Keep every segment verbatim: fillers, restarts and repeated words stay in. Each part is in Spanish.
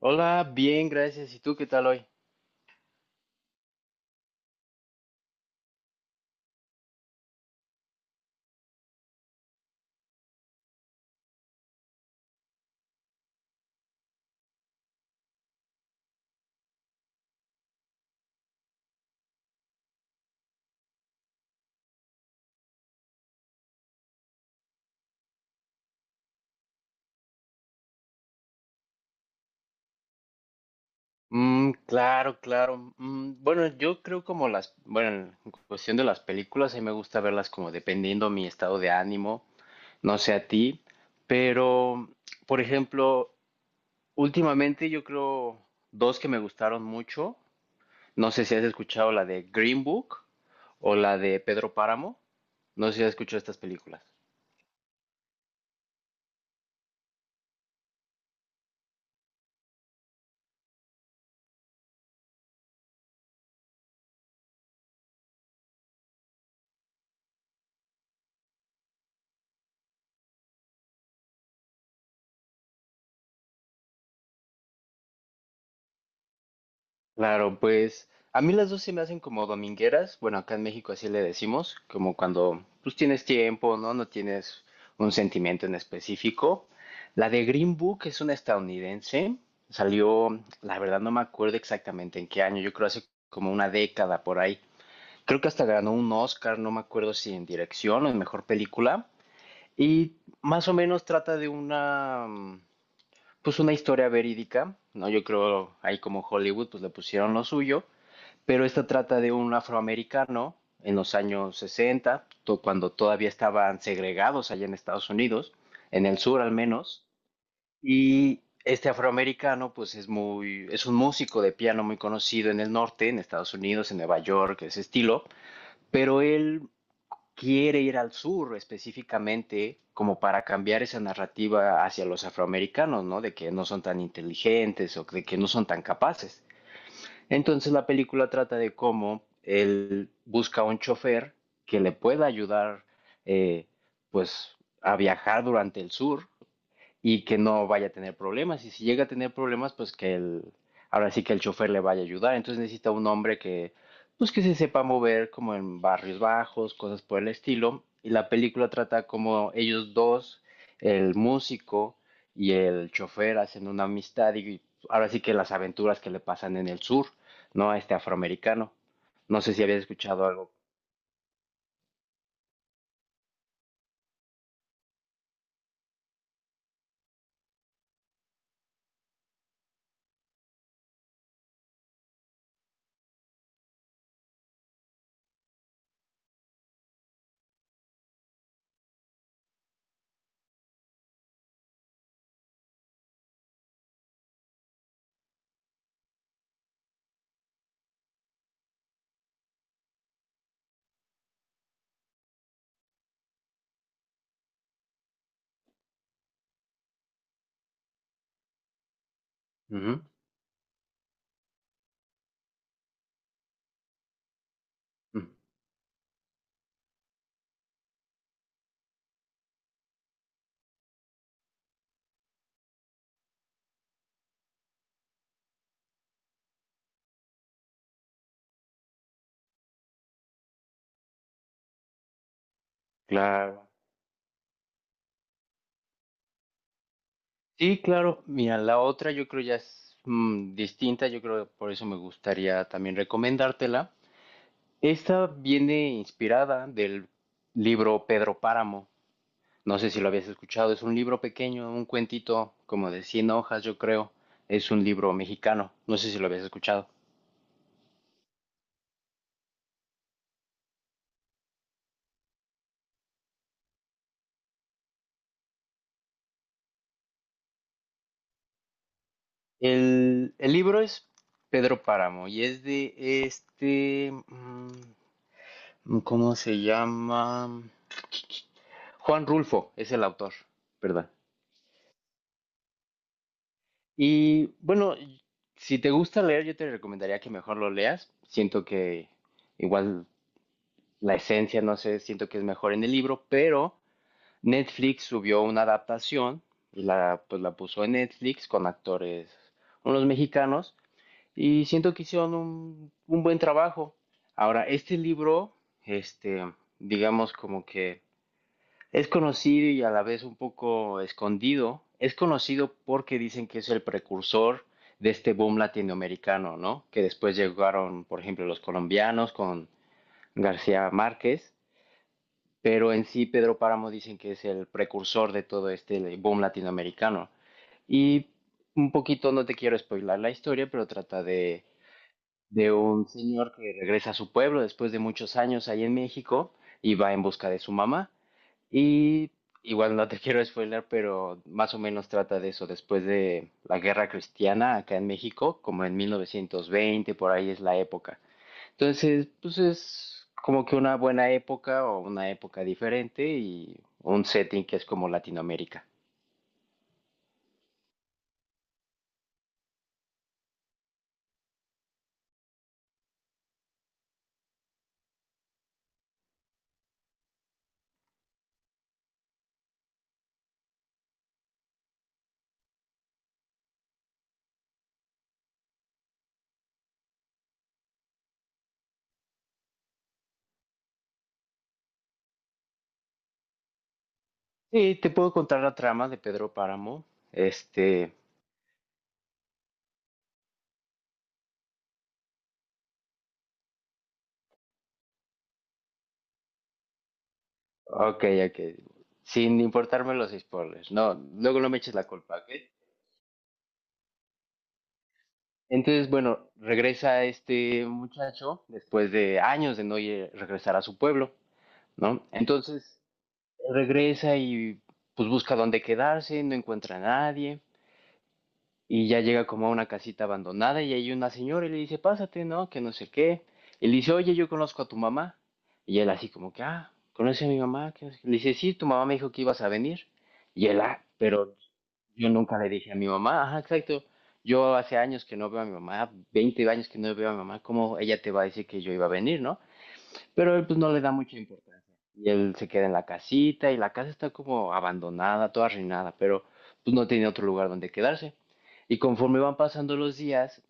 Hola, bien, gracias. ¿Y tú qué tal hoy? Mm, claro, claro. Mm, bueno, yo creo como las, bueno, en cuestión de las películas, a mí me gusta verlas como dependiendo mi estado de ánimo, no sé a ti, pero, por ejemplo, últimamente yo creo dos que me gustaron mucho. No sé si has escuchado la de Green Book o la de Pedro Páramo. No sé si has escuchado estas películas. Claro, pues a mí las dos se me hacen como domingueras. Bueno, acá en México así le decimos, como cuando pues tienes tiempo, ¿no? No tienes un sentimiento en específico. La de Green Book es una estadounidense. Salió, la verdad no me acuerdo exactamente en qué año. Yo creo hace como una década por ahí. Creo que hasta ganó un Oscar, no me acuerdo si en dirección o en mejor película. Y más o menos trata de una, mm, pues una historia verídica, ¿no? Yo creo ahí como Hollywood pues le pusieron lo suyo, pero esta trata de un afroamericano en los años sesenta, to- cuando todavía estaban segregados allá en Estados Unidos, en el sur al menos, y este afroamericano pues es muy, es un músico de piano muy conocido en el norte, en Estados Unidos, en Nueva York, ese estilo, pero él quiere ir al sur específicamente como para cambiar esa narrativa hacia los afroamericanos, ¿no? De que no son tan inteligentes o de que no son tan capaces. Entonces la película trata de cómo él busca un chofer que le pueda ayudar eh, pues a viajar durante el sur y que no vaya a tener problemas. Y si llega a tener problemas, pues que el, ahora sí que el chofer le vaya a ayudar. Entonces necesita un hombre que, pues que se sepa mover como en barrios bajos, cosas por el estilo. Y la película trata como ellos dos, el músico y el chofer, hacen una amistad y ahora sí que las aventuras que le pasan en el sur, ¿no? A este afroamericano. No sé si habías escuchado algo. Ujú, ujú, claro. Sí, claro. Mira, la otra yo creo ya es mm, distinta, yo creo que por eso me gustaría también recomendártela. Esta viene inspirada del libro Pedro Páramo. No sé si lo habías escuchado, es un libro pequeño, un cuentito como de cien hojas, yo creo. Es un libro mexicano, no sé si lo habías escuchado. El, el libro es Pedro Páramo y es de este, mm, ¿cómo se llama? Juan Rulfo es el autor, ¿verdad? Y bueno, y- si te gusta leer, yo te recomendaría que mejor lo leas. Siento que igual la esencia, no sé, siento que es mejor en el libro, pero Netflix subió una adaptación y la, pues la puso en Netflix con actores, unos mexicanos, y siento que hicieron un, un buen trabajo. Ahora, este libro, este, digamos como que es conocido y a la vez un poco escondido. Es conocido porque dicen que es el precursor de este boom latinoamericano, ¿no? Que después llegaron, por ejemplo, los colombianos con García Márquez, pero en sí Pedro Páramo dicen que es el precursor de todo este boom latinoamericano. Y un poquito, no te quiero spoilar la historia, pero trata de, de un señor que regresa a su pueblo después de muchos años ahí en México y va en busca de su mamá. Y igual no te quiero spoiler, pero más o menos trata de eso. Después de la guerra cristiana acá en México, como en mil novecientos veinte, por ahí es la época. Entonces, pues es como que una buena época o una época diferente y un setting que es como Latinoamérica. Sí te puedo contar la trama de Pedro Páramo. Este, ok, ok. Sin importarme los spoilers. No, luego no me eches la culpa, ¿ok? Entonces, bueno, regresa este muchacho después de años de no ir- regresar a su pueblo, ¿no? Entonces, regresa y pues busca dónde quedarse, no encuentra a nadie y ya llega como a una casita abandonada y hay una señora y le dice, pásate, ¿no? Que no sé qué. Y le dice, oye, yo conozco a tu mamá. Y él así como que, ah, ¿conoce a mi mamá? Que no sé qué". Le dice, sí, tu mamá me dijo que ibas a venir. Y él, ah, pero yo nunca le dije a mi mamá, ajá, exacto. Yo hace años que no veo a mi mamá, veinte años que no veo a mi mamá, ¿cómo ella te va a decir que yo iba a venir, no? Pero él pues no le da mucha importancia. Y él se queda en la casita y la casa está como abandonada, toda arruinada, pero pues no tiene otro lugar donde quedarse. Y conforme van pasando los días,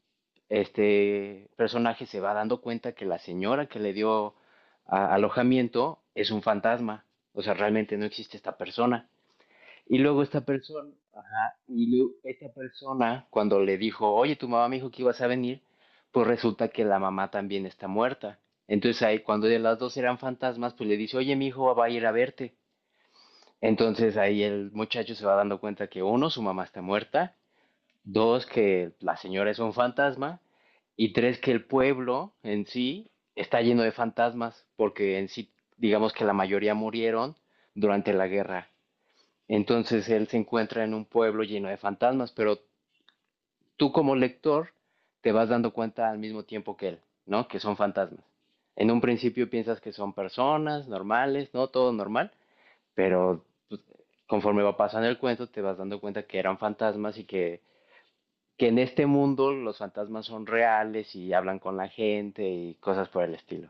este personaje se va dando cuenta que la señora que le dio a- alojamiento es un fantasma. O sea, realmente no existe esta persona. Y luego esta persona... Y lu- esta persona, cuando le dijo, oye, tu mamá me dijo que ibas a venir, pues resulta que la mamá también está muerta. Entonces ahí, cuando de las dos eran fantasmas, pues le dice, oye, mi hijo va a ir a verte. Entonces ahí el muchacho se va dando cuenta que uno, su mamá está muerta, dos, que la señora es un fantasma, y tres, que el pueblo en sí está lleno de fantasmas, porque en sí, digamos que la mayoría murieron durante la guerra. Entonces él se encuentra en un pueblo lleno de fantasmas, pero tú como lector te vas dando cuenta al mismo tiempo que él, ¿no? Que son fantasmas. En un principio piensas que son personas normales, ¿no? Todo normal, pero pues, conforme va pasando el cuento te vas dando cuenta que eran fantasmas y que, que en este mundo los fantasmas son reales y hablan con la gente y cosas por el estilo.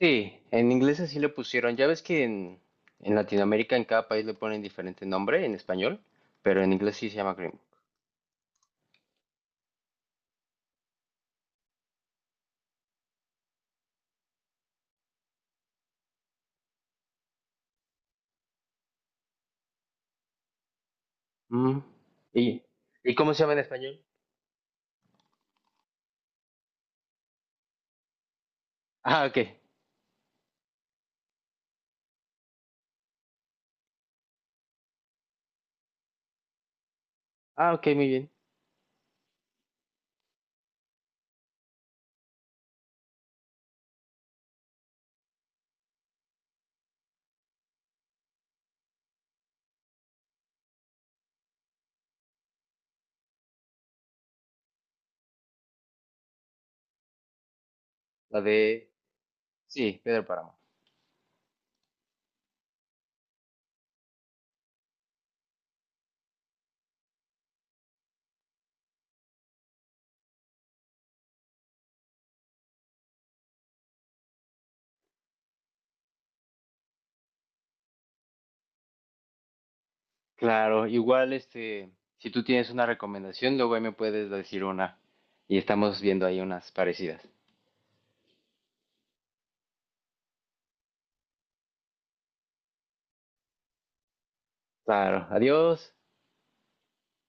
Sí, en inglés así le pusieron. Ya ves que en, en Latinoamérica en cada país le ponen diferente nombre en español, pero en inglés sí se llama Grimm. Mm. ¿Y, ¿Y cómo se llama en español? Ah, ok. Ah, ok, muy bien. La de, sí, Pedro Páramo. Claro, igual este, si tú tienes una recomendación, luego ahí me puedes decir una y estamos viendo ahí unas parecidas. Claro, adiós.